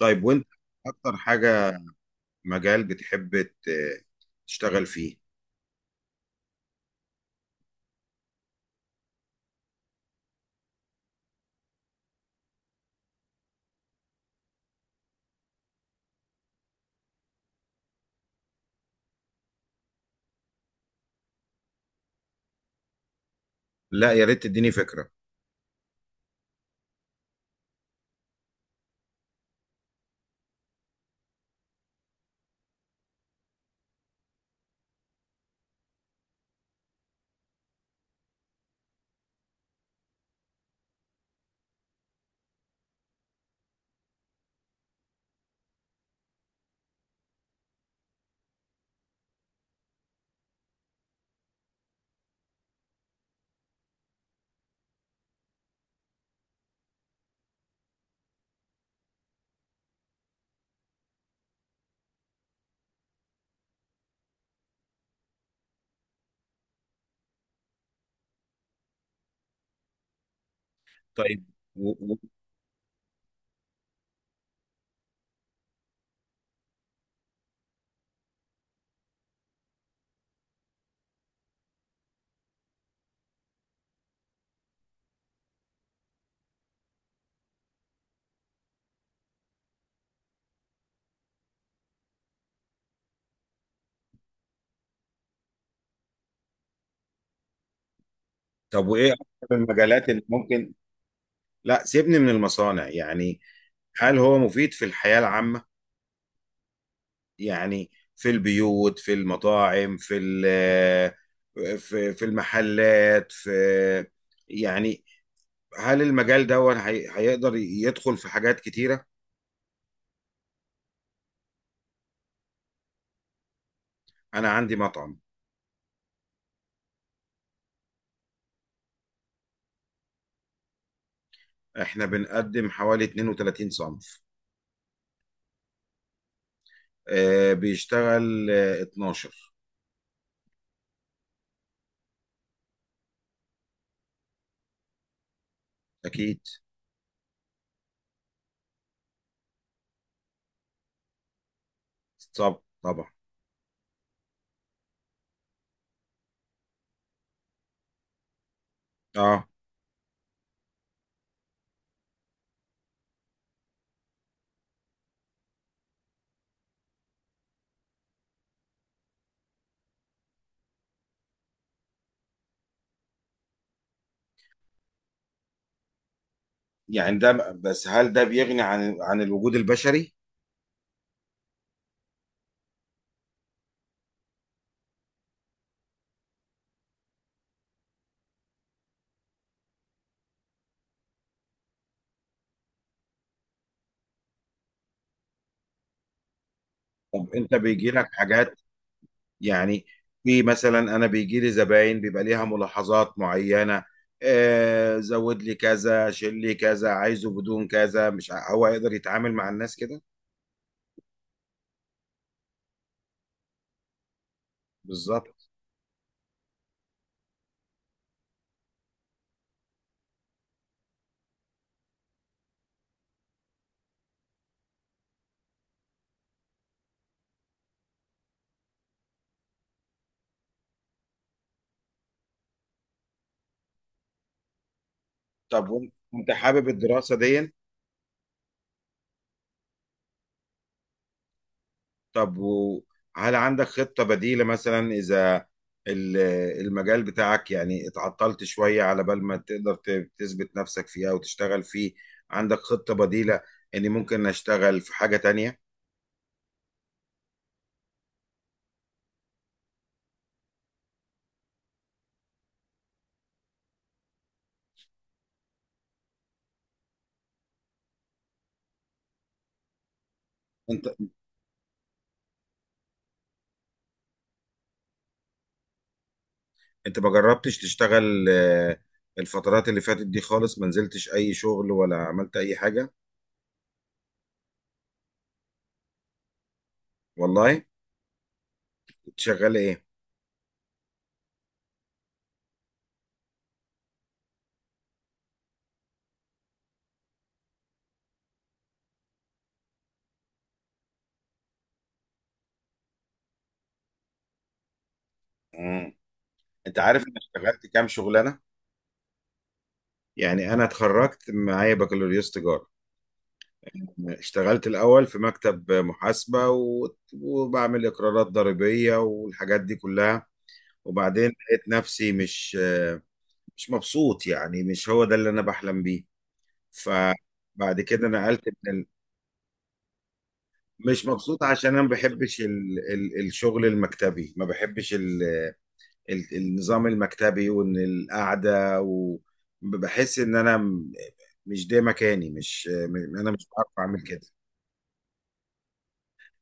طيب وانت، اكتر حاجة مجال بتحب تشتغل فيه؟ لا، يا ريت تديني فكرة. طيب، و... و... طب وايه اكتر المجالات اللي ممكن. لا، سيبني من المصانع يعني. هل هو مفيد في الحياة العامة؟ يعني في البيوت، في المطاعم، في المحلات في، يعني هل المجال ده هيقدر يدخل في حاجات كتيرة؟ انا عندي مطعم. احنا بنقدم حوالي 32 صنف. بيشتغل 12. اكيد. طب، طبعا. اه. يعني ده بس، هل ده بيغني عن الوجود البشري؟ طب انت بيجي لك حاجات يعني، في مثلا انا بيجي لي زباين بيبقى ليها ملاحظات معينة، زود لي كذا، شيل لي كذا، عايزه بدون كذا، مش ع- هو يقدر يتعامل مع الناس كده؟ بالظبط. طب وإنت حابب الدراسة دي؟ طب وهل عندك خطة بديلة مثلا إذا ال- المجال بتاعك يعني اتعطلت شوية، على بال ما تقدر تثبت نفسك فيه أو تشتغل فيه، عندك خطة بديلة إني ممكن أشتغل في حاجة تانية؟ أنت أنت ما جربتش تشتغل، الفترات اللي فاتت دي خالص ما نزلتش أي شغل ولا عملت أي حاجة؟ والله؟ كنت شغال إيه؟ مم. أنت عارف أنا اشتغلت كام شغلانة؟ يعني أنا اتخرجت معايا بكالوريوس تجارة. اشتغلت الأول في مكتب محاسبة وبعمل إقرارات ضريبية والحاجات دي كلها. وبعدين لقيت نفسي مش مبسوط، يعني مش هو ده اللي أنا بحلم بيه. فبعد كده نقلت من مش مبسوط عشان أنا ما بحبش الشغل المكتبي، ما بحبش النظام المكتبي، وإن القعدة وبحس إن أنا مش ده مكاني، مش م- أنا مش بعرف أعمل كده.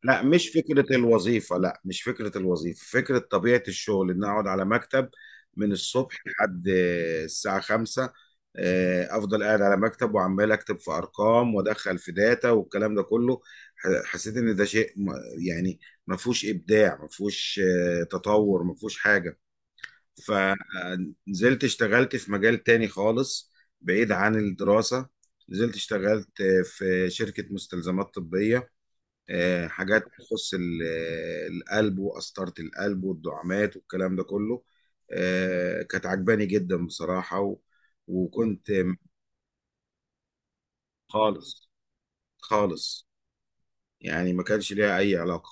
لا، مش فكرة الوظيفة، لا مش فكرة الوظيفة، فكرة طبيعة الشغل إن أقعد على مكتب من الصبح لحد الساعة 5، أفضل قاعد على مكتب وعمال أكتب في أرقام وأدخل في داتا والكلام ده كله. حسيت إن ده شيء يعني ما فيهوش إبداع، ما فيهوش تطور، ما فيهوش حاجة. فنزلت اشتغلت في مجال تاني خالص، بعيد عن الدراسة. نزلت اشتغلت في شركة مستلزمات طبية، حاجات تخص القلب وقسطرة القلب والدعامات والكلام ده كله. كانت عجباني جدا بصراحة وكنت. خالص، خالص. يعني ما كانش ليها اي علاقة.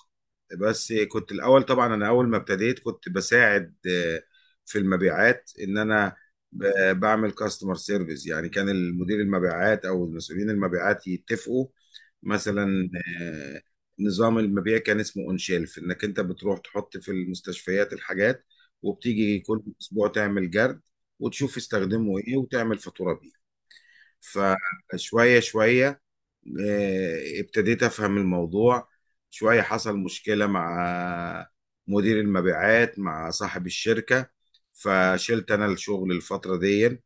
بس كنت الاول طبعا، انا اول ما ابتديت كنت بساعد في المبيعات، ان انا بعمل كاستمر سيرفيس، يعني كان المدير المبيعات او المسؤولين المبيعات يتفقوا مثلا. آه، نظام المبيع كان اسمه اون شيلف، انك انت بتروح تحط في المستشفيات الحاجات، وبتيجي كل اسبوع تعمل جرد، وتشوف استخدمه ايه وتعمل فاتورة بيه. فشوية شوية، ابتديت افهم الموضوع. شوية حصل مشكلة مع مدير المبيعات، مع صاحب الشركة. فشلت انا الشغل الفترة دي،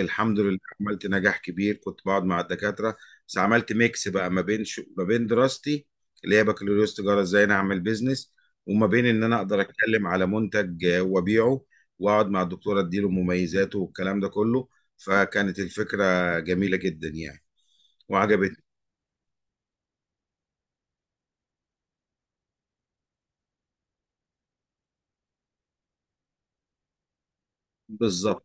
الحمد لله عملت نجاح كبير، كنت بقعد مع الدكاترة. بس عملت ميكس بقى ما بين ما بين دراستي اللي هي بكالوريوس تجارة، ازاي انا اعمل بيزنس، وما بين ان انا اقدر اتكلم على منتج وابيعه، واقعد مع الدكتورة اديله مميزاته والكلام ده كله. فكانت الفكرة جميلة جدا يعني، وعجبتني. بالظبط.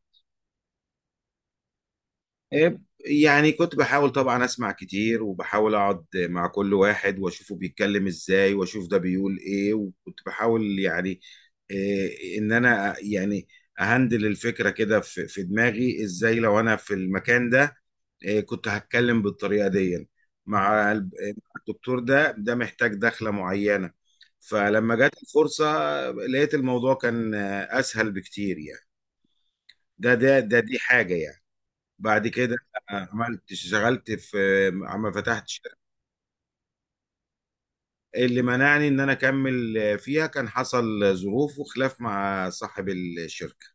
إيه، يعني كنت بحاول طبعا اسمع كتير وبحاول اقعد مع كل واحد واشوفه بيتكلم ازاي واشوف ده بيقول ايه، وكنت بحاول يعني إيه، ان انا يعني اهندل الفكرة كده في دماغي ازاي لو انا في المكان ده، إيه كنت هتكلم بالطريقة دي مع مع الدكتور، ده محتاج دخلة معينة. فلما جت الفرصة لقيت الموضوع كان اسهل بكتير يعني. ده ده ده دي حاجة يعني. بعد كده عملت اشتغلت في عم فتحت شركة. اللي منعني ان انا اكمل فيها كان حصل ظروف وخلاف مع صاحب الشركة.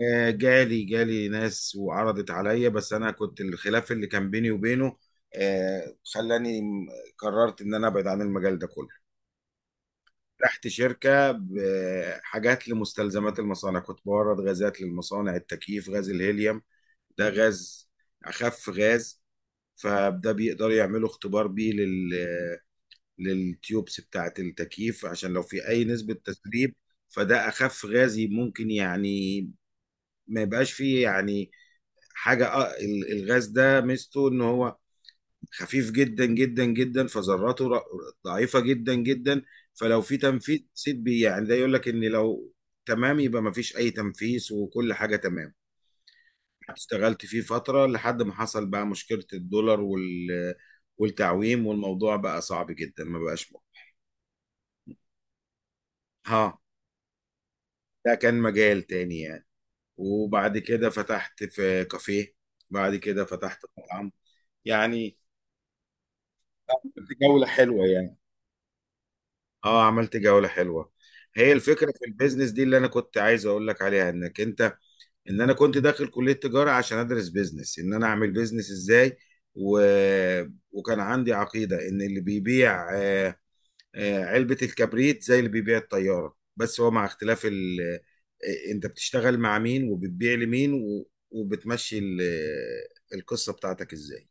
فجالي ناس وعرضت عليا، بس انا كنت الخلاف اللي كان بيني وبينه خلاني قررت ان انا ابعد عن المجال ده كله. تحت شركة بحاجات لمستلزمات المصانع، كنت بورد غازات للمصانع، التكييف، غاز الهيليوم. ده غاز، اخف غاز، فده بيقدر يعملوا اختبار بيه للتيوبس بتاعة التكييف عشان لو في أي نسبة تسريب. فده أخف غازي ممكن، يعني ما يبقاش فيه يعني حاجة. الغاز ده ميزته إن هو خفيف جدا جدا جدا، فذراته ضعيفة جدا جدا. فلو في تنفيذ سيد بي يعني، ده يقول لك إن لو تمام، يبقى ما فيش أي تنفيذ وكل حاجة تمام. اشتغلت فيه فترة لحد ما حصل بقى مشكلة الدولار والتعويم، والموضوع بقى صعب جدا، ما بقاش ممكن. ها؟ ده كان مجال تاني يعني. وبعد كده فتحت في كافيه، بعد كده فتحت مطعم يعني. عملت جولة حلوة يعني. اه، عملت جولة حلوة. هي الفكرة في البيزنس دي اللي انا كنت عايز اقول لك عليها، انك انت ان انا كنت داخل كلية تجارة عشان ادرس بيزنس، ان انا اعمل بيزنس ازاي. و... وكان عندي عقيدة ان اللي بيبيع، علبة الكبريت زي اللي بيبيع الطيارة، بس هو مع اختلاف ال... آه، انت بتشتغل مع مين وبتبيع لمين، وبتمشي ال... آه، القصة بتاعتك ازاي.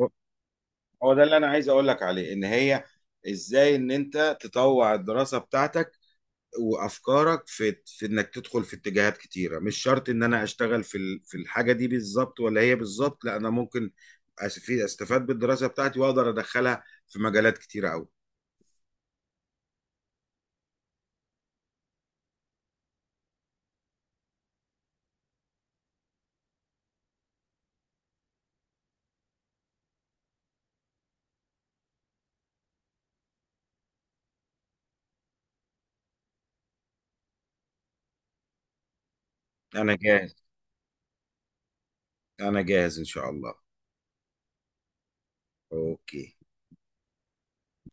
هو هو ده اللي انا عايز اقول لك عليه، ان هي ازاي ان انت تطوع الدراسة بتاعتك وافكارك، في انك تدخل في اتجاهات كتيرة، مش شرط ان انا اشتغل في الحاجة دي بالظبط ولا هي بالظبط، لا انا ممكن في استفاد بالدراسة بتاعتي واقدر ادخلها في مجالات كتيرة قوي. انا جاهز، انا جاهز ان شاء الله. اوكي.